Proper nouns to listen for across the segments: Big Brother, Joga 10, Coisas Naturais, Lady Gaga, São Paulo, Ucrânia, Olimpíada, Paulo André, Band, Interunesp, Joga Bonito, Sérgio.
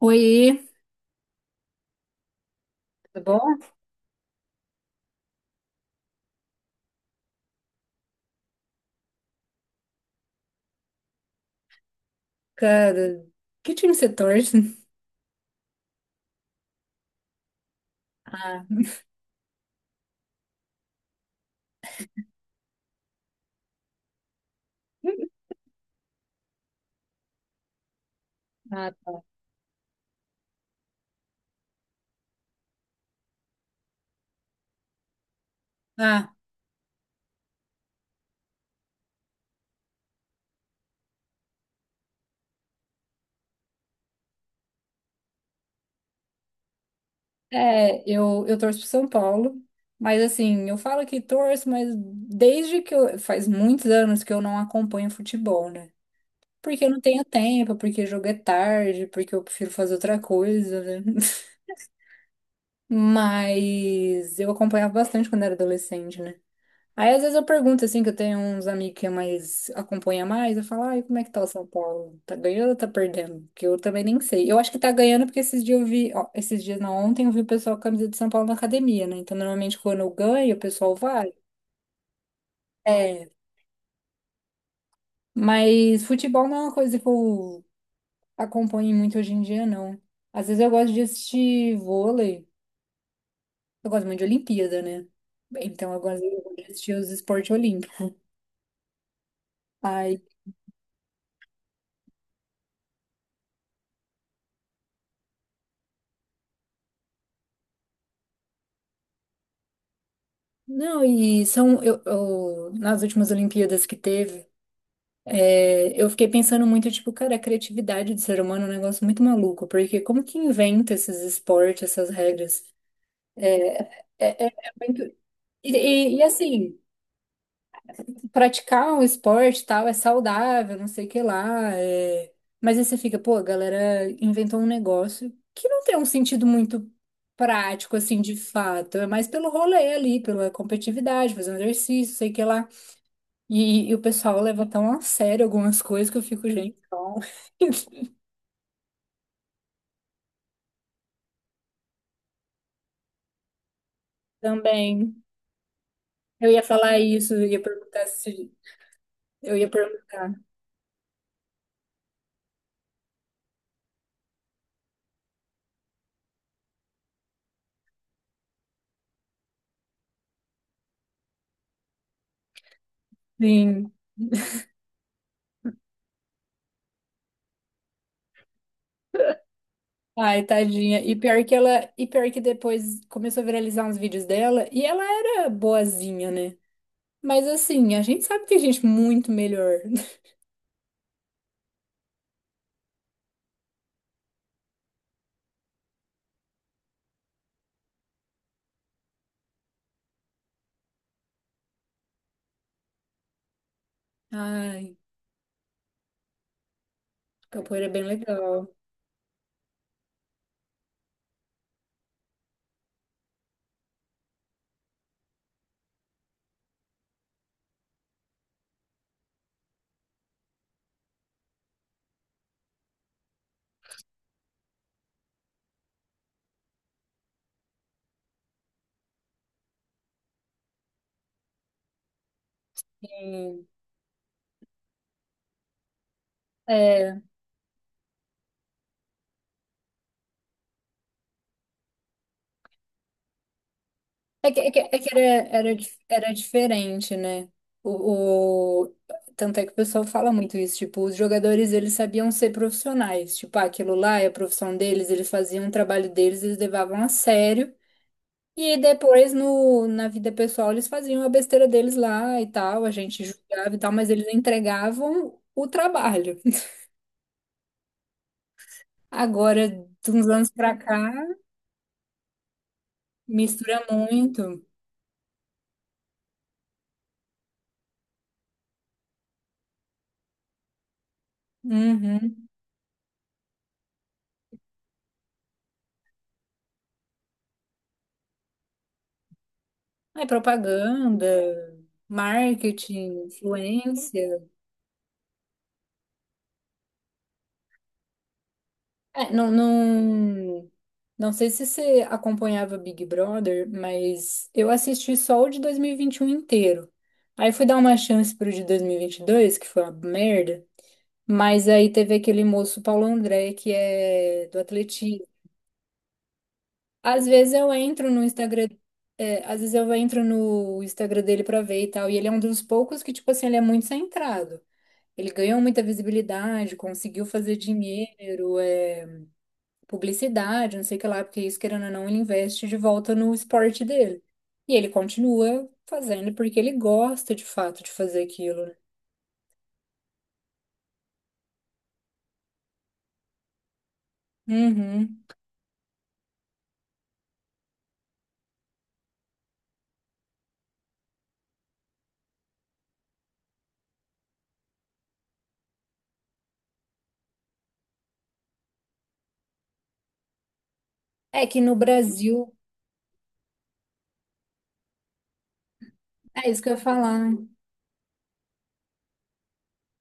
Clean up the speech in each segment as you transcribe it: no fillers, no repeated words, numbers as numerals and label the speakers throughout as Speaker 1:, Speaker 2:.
Speaker 1: Oi, tudo bom? Cara, que time você torce? Ah, ah, tá. Ah, é, eu torço pro São Paulo, mas assim, eu falo que torço, mas desde que eu, faz muitos anos que eu não acompanho futebol, né? Porque eu não tenho tempo, porque jogo é tarde, porque eu prefiro fazer outra coisa, né? Mas eu acompanhava bastante quando era adolescente, né? Aí às vezes eu pergunto assim, que eu tenho uns amigos que mais acompanha mais, eu falo, ai, como é que tá o São Paulo? Tá ganhando ou tá perdendo? Porque eu também nem sei. Eu acho que tá ganhando porque esses dias eu vi, ó, esses dias não, ontem eu vi o pessoal com a camisa de São Paulo na academia, né? Então normalmente quando eu ganho, o pessoal vai. É, mas futebol não é uma coisa que eu acompanho muito hoje em dia, não. Às vezes eu gosto de assistir vôlei, eu gosto muito de Olimpíada, né? Então eu gosto de assistir os esportes olímpicos. Não, e são, nas últimas Olimpíadas que teve, é, eu fiquei pensando muito, tipo, cara, a criatividade do ser humano é um negócio muito maluco, porque como que inventa esses esportes, essas regras? É, é- é muito- E, assim, praticar um esporte e tal é saudável, não sei o que lá. Mas aí você fica, pô, a galera inventou um negócio que não tem um sentido muito prático, assim, de fato, é mais pelo rolê ali, pela competitividade, fazer um exercício, sei o que lá. E o pessoal leva tão a sério algumas coisas que eu fico, gente, não. Também. Eu ia falar isso, eu ia perguntar se. Eu ia perguntar. Sim. Ai, tadinha. E pior que ela. E pior que depois começou a viralizar uns vídeos dela e ela era boazinha, né? Mas assim, a gente sabe que tem gente muito melhor. Ai, capoeira é bem legal. Sim. É. É que era era diferente, né? O, o- Tanto é que o pessoal fala muito isso, tipo, os jogadores, eles sabiam ser profissionais, tipo, ah, aquilo lá é a profissão deles, eles faziam o trabalho deles, eles levavam a sério, e depois, no, na vida pessoal, eles faziam a besteira deles lá e tal, a gente julgava e tal, mas eles entregavam o trabalho. Agora, de uns anos pra cá, mistura muito. Uhum. É propaganda, marketing, influência. É, não, não, não sei se você acompanhava Big Brother, mas eu assisti só o de dois mil e vinte e um inteiro. Aí fui dar uma chance pro de dois mil e vinte e dois que foi uma merda. Mas aí teve aquele moço Paulo André, que é do atletismo. Às vezes eu entro no Instagram, às vezes eu entro no Instagram dele pra ver e tal, e ele é um dos poucos que, tipo assim, ele é muito centrado. Ele ganhou muita visibilidade, conseguiu fazer dinheiro, publicidade, não sei o que lá, porque isso, querendo ou não, ele investe de volta no esporte dele. E ele continua fazendo porque ele gosta de fato de fazer aquilo, né? Uhum. É que no Brasil, é isso que eu ia falar.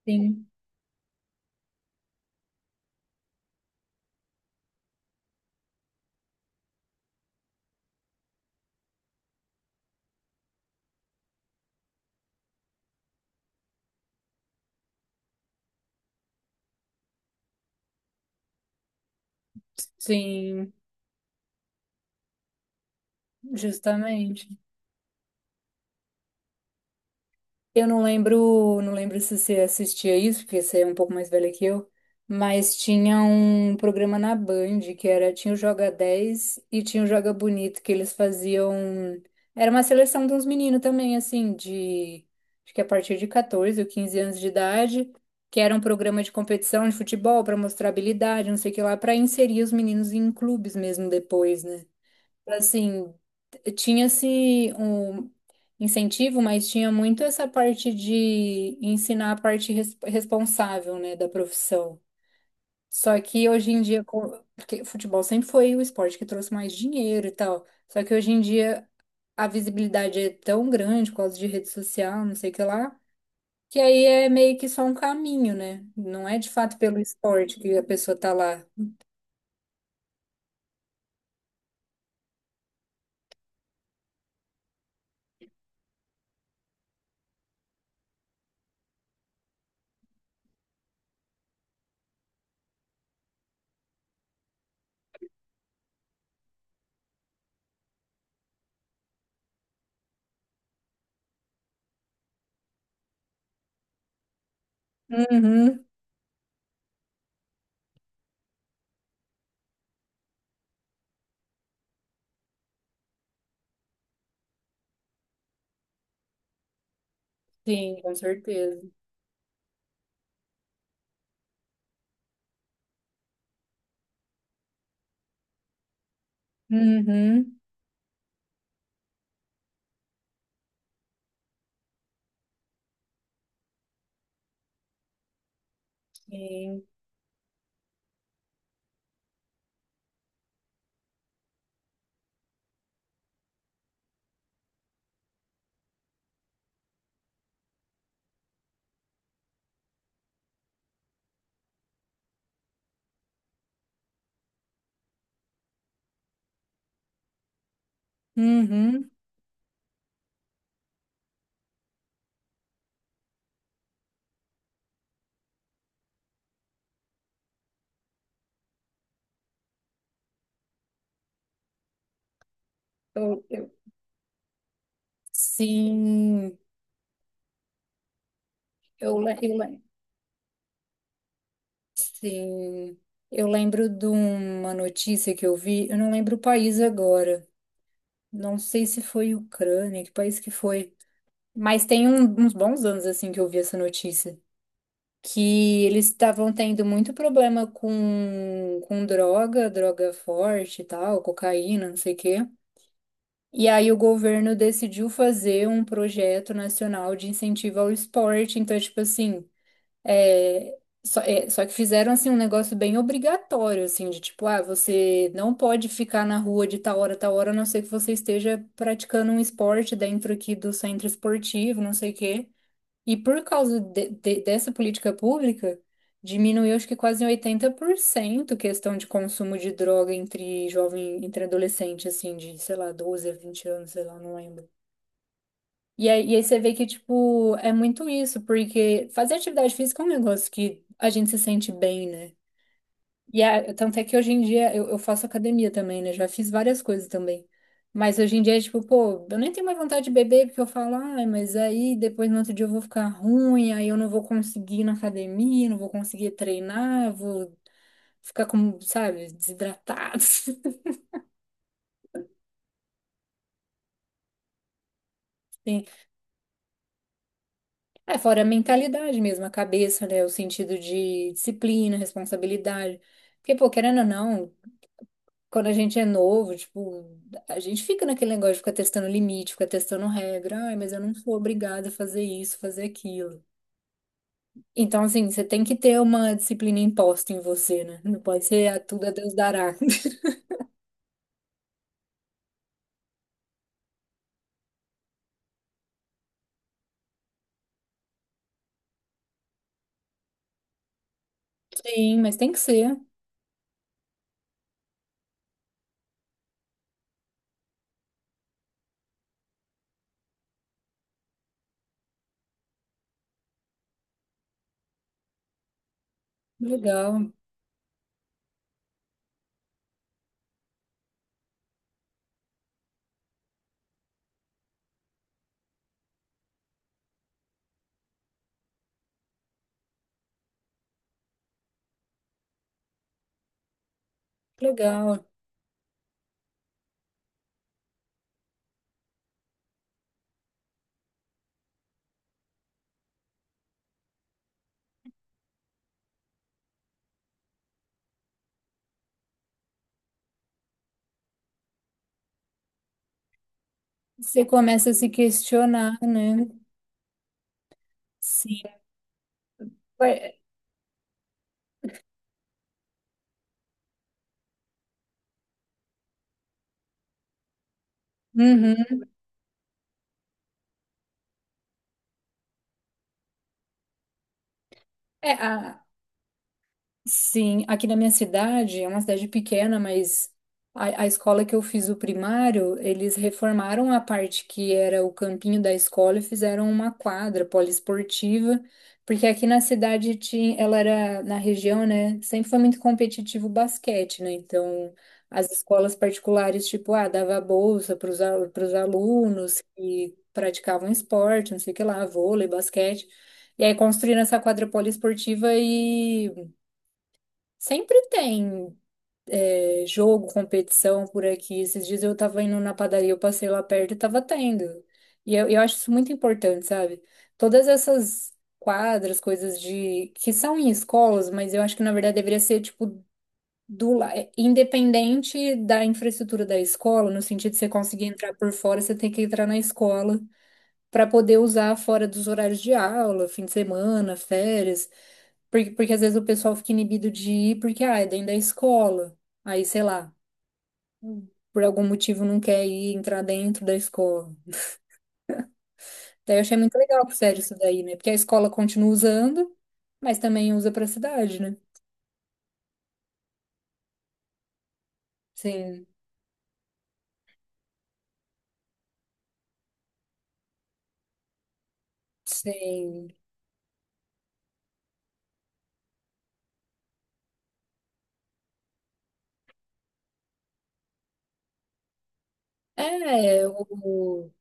Speaker 1: Sim, sim, justamente. Eu não lembro, não lembro se você assistia isso, porque você é um pouco mais velha que eu, mas tinha um programa na Band que era, tinha o Joga 10 e tinha o Joga Bonito, que eles faziam, era uma seleção de uns meninos também, assim, de, acho que a partir de 14 ou 15 anos de idade, que era um programa de competição de futebol para mostrar habilidade, não sei o que lá, para inserir os meninos em clubes mesmo depois, né? Assim, tinha-se um incentivo, mas tinha muito essa parte de ensinar a parte responsável, né, da profissão. Só que hoje em dia, porque futebol sempre foi o esporte que trouxe mais dinheiro e tal. Só que hoje em dia a visibilidade é tão grande por causa de rede social, não sei o que lá, que aí é meio que só um caminho, né? Não é de fato pelo esporte que a pessoa tá lá. Uhum, sim, com certeza. Uhum, sim. Uhum. Eu, eu- sim, eu, le- eu, le- sim, eu lembro de uma notícia que eu vi, eu não lembro o país agora, não sei se foi Ucrânia, que país que foi, mas tem uns bons anos assim que eu vi essa notícia, que eles estavam tendo muito problema com, com droga forte e tal, cocaína, não sei o quê. E aí o governo decidiu fazer um projeto nacional de incentivo ao esporte, então, tipo assim, É, só que fizeram assim um negócio bem obrigatório, assim, de tipo, ah, você não pode ficar na rua de tal hora, a não ser que você esteja praticando um esporte dentro aqui do centro esportivo, não sei o quê. E por causa dessa política pública, diminuiu acho que quase em 80% questão de consumo de droga entre jovem, entre adolescente, assim, de, sei lá, 12 a 20 anos, sei lá, não lembro. E aí, você vê que, tipo, é muito isso, porque fazer atividade física é um negócio que a gente se sente bem, né? E a, tanto é que hoje em dia eu faço academia também, né? Já fiz várias coisas também. Mas hoje em dia é tipo, pô, eu nem tenho mais vontade de beber, porque eu falo, ai, mas aí depois no outro dia eu vou ficar ruim, aí eu não vou conseguir ir na academia, não vou conseguir treinar, vou ficar como, sabe, desidratado. É, fora a mentalidade mesmo, a cabeça, né? O sentido de disciplina, responsabilidade. Porque, pô, querendo ou não, quando a gente é novo, tipo, a gente fica naquele negócio de ficar testando limite, ficar testando regra. Ai, mas eu não sou obrigada a fazer isso, fazer aquilo. Então, assim, você tem que ter uma disciplina imposta em você, né? Não pode ser a tudo a Deus dará. Sim, mas tem que ser. Legal, legal. Você começa a se questionar, né? Sim. Ué, uhum. É, a- Sim, aqui na minha cidade, é uma cidade pequena, mas a escola que eu fiz o primário, eles reformaram a parte que era o campinho da escola e fizeram uma quadra poliesportiva, porque aqui na cidade tinha, ela era na região, né? Sempre foi muito competitivo o basquete, né? Então, as escolas particulares, tipo, ah, dava bolsa para os alunos que praticavam esporte, não sei o que lá, vôlei, basquete. E aí construíram essa quadra poliesportiva e sempre tem jogo, competição por aqui. Esses dias eu tava indo na padaria, eu passei lá perto e tava tendo. E eu acho isso muito importante, sabe? Todas essas quadras, coisas de que são em escolas, mas eu acho que na verdade deveria ser tipo independente da infraestrutura da escola, no sentido de você conseguir entrar por fora, você tem que entrar na escola para poder usar fora dos horários de aula, fim de semana, férias. Porque às vezes o pessoal fica inibido de ir porque, ah, é dentro da escola. Aí, sei lá, por algum motivo não quer ir entrar dentro da escola. Daí eu achei muito legal pro Sérgio isso daí, né? Porque a escola continua usando, mas também usa pra cidade, né? Sim, sim. É, o,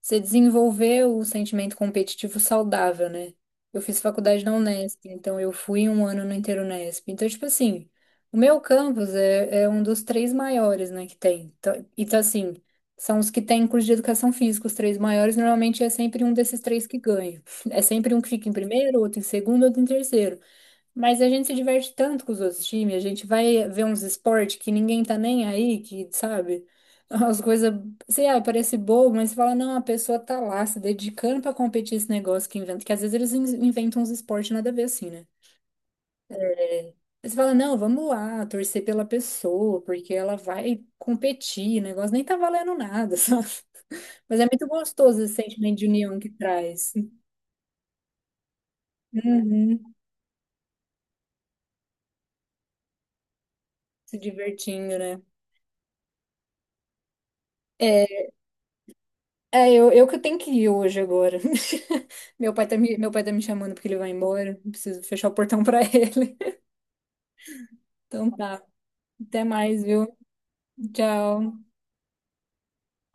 Speaker 1: Você desenvolveu o sentimento competitivo saudável, né? Eu fiz faculdade na Unesp, então eu fui um ano no Interunesp. Então, tipo assim, o meu campus é um dos três maiores, né, que tem. Então, assim, são os que têm curso de educação física, os três maiores, normalmente é sempre um desses três que ganha. É sempre um que fica em primeiro, outro em segundo, outro em terceiro. Mas a gente se diverte tanto com os outros times, a gente vai ver uns esportes que ninguém tá nem aí, que, sabe? As coisas, sei lá, parece bobo, mas você fala, não, a pessoa tá lá se dedicando pra competir esse negócio que inventa, que às vezes eles inventam uns esportes nada a ver assim, né? Aí você fala, não, vamos lá, torcer pela pessoa, porque ela vai competir, o negócio nem tá valendo nada, sabe? Mas é muito gostoso esse sentimento de união que traz. Uhum, se divertindo, né? É, É, eu que tenho que ir hoje agora. Meu pai tá me chamando porque ele vai embora. Preciso fechar o portão pra ele. Então tá. Até mais, viu? Tchau.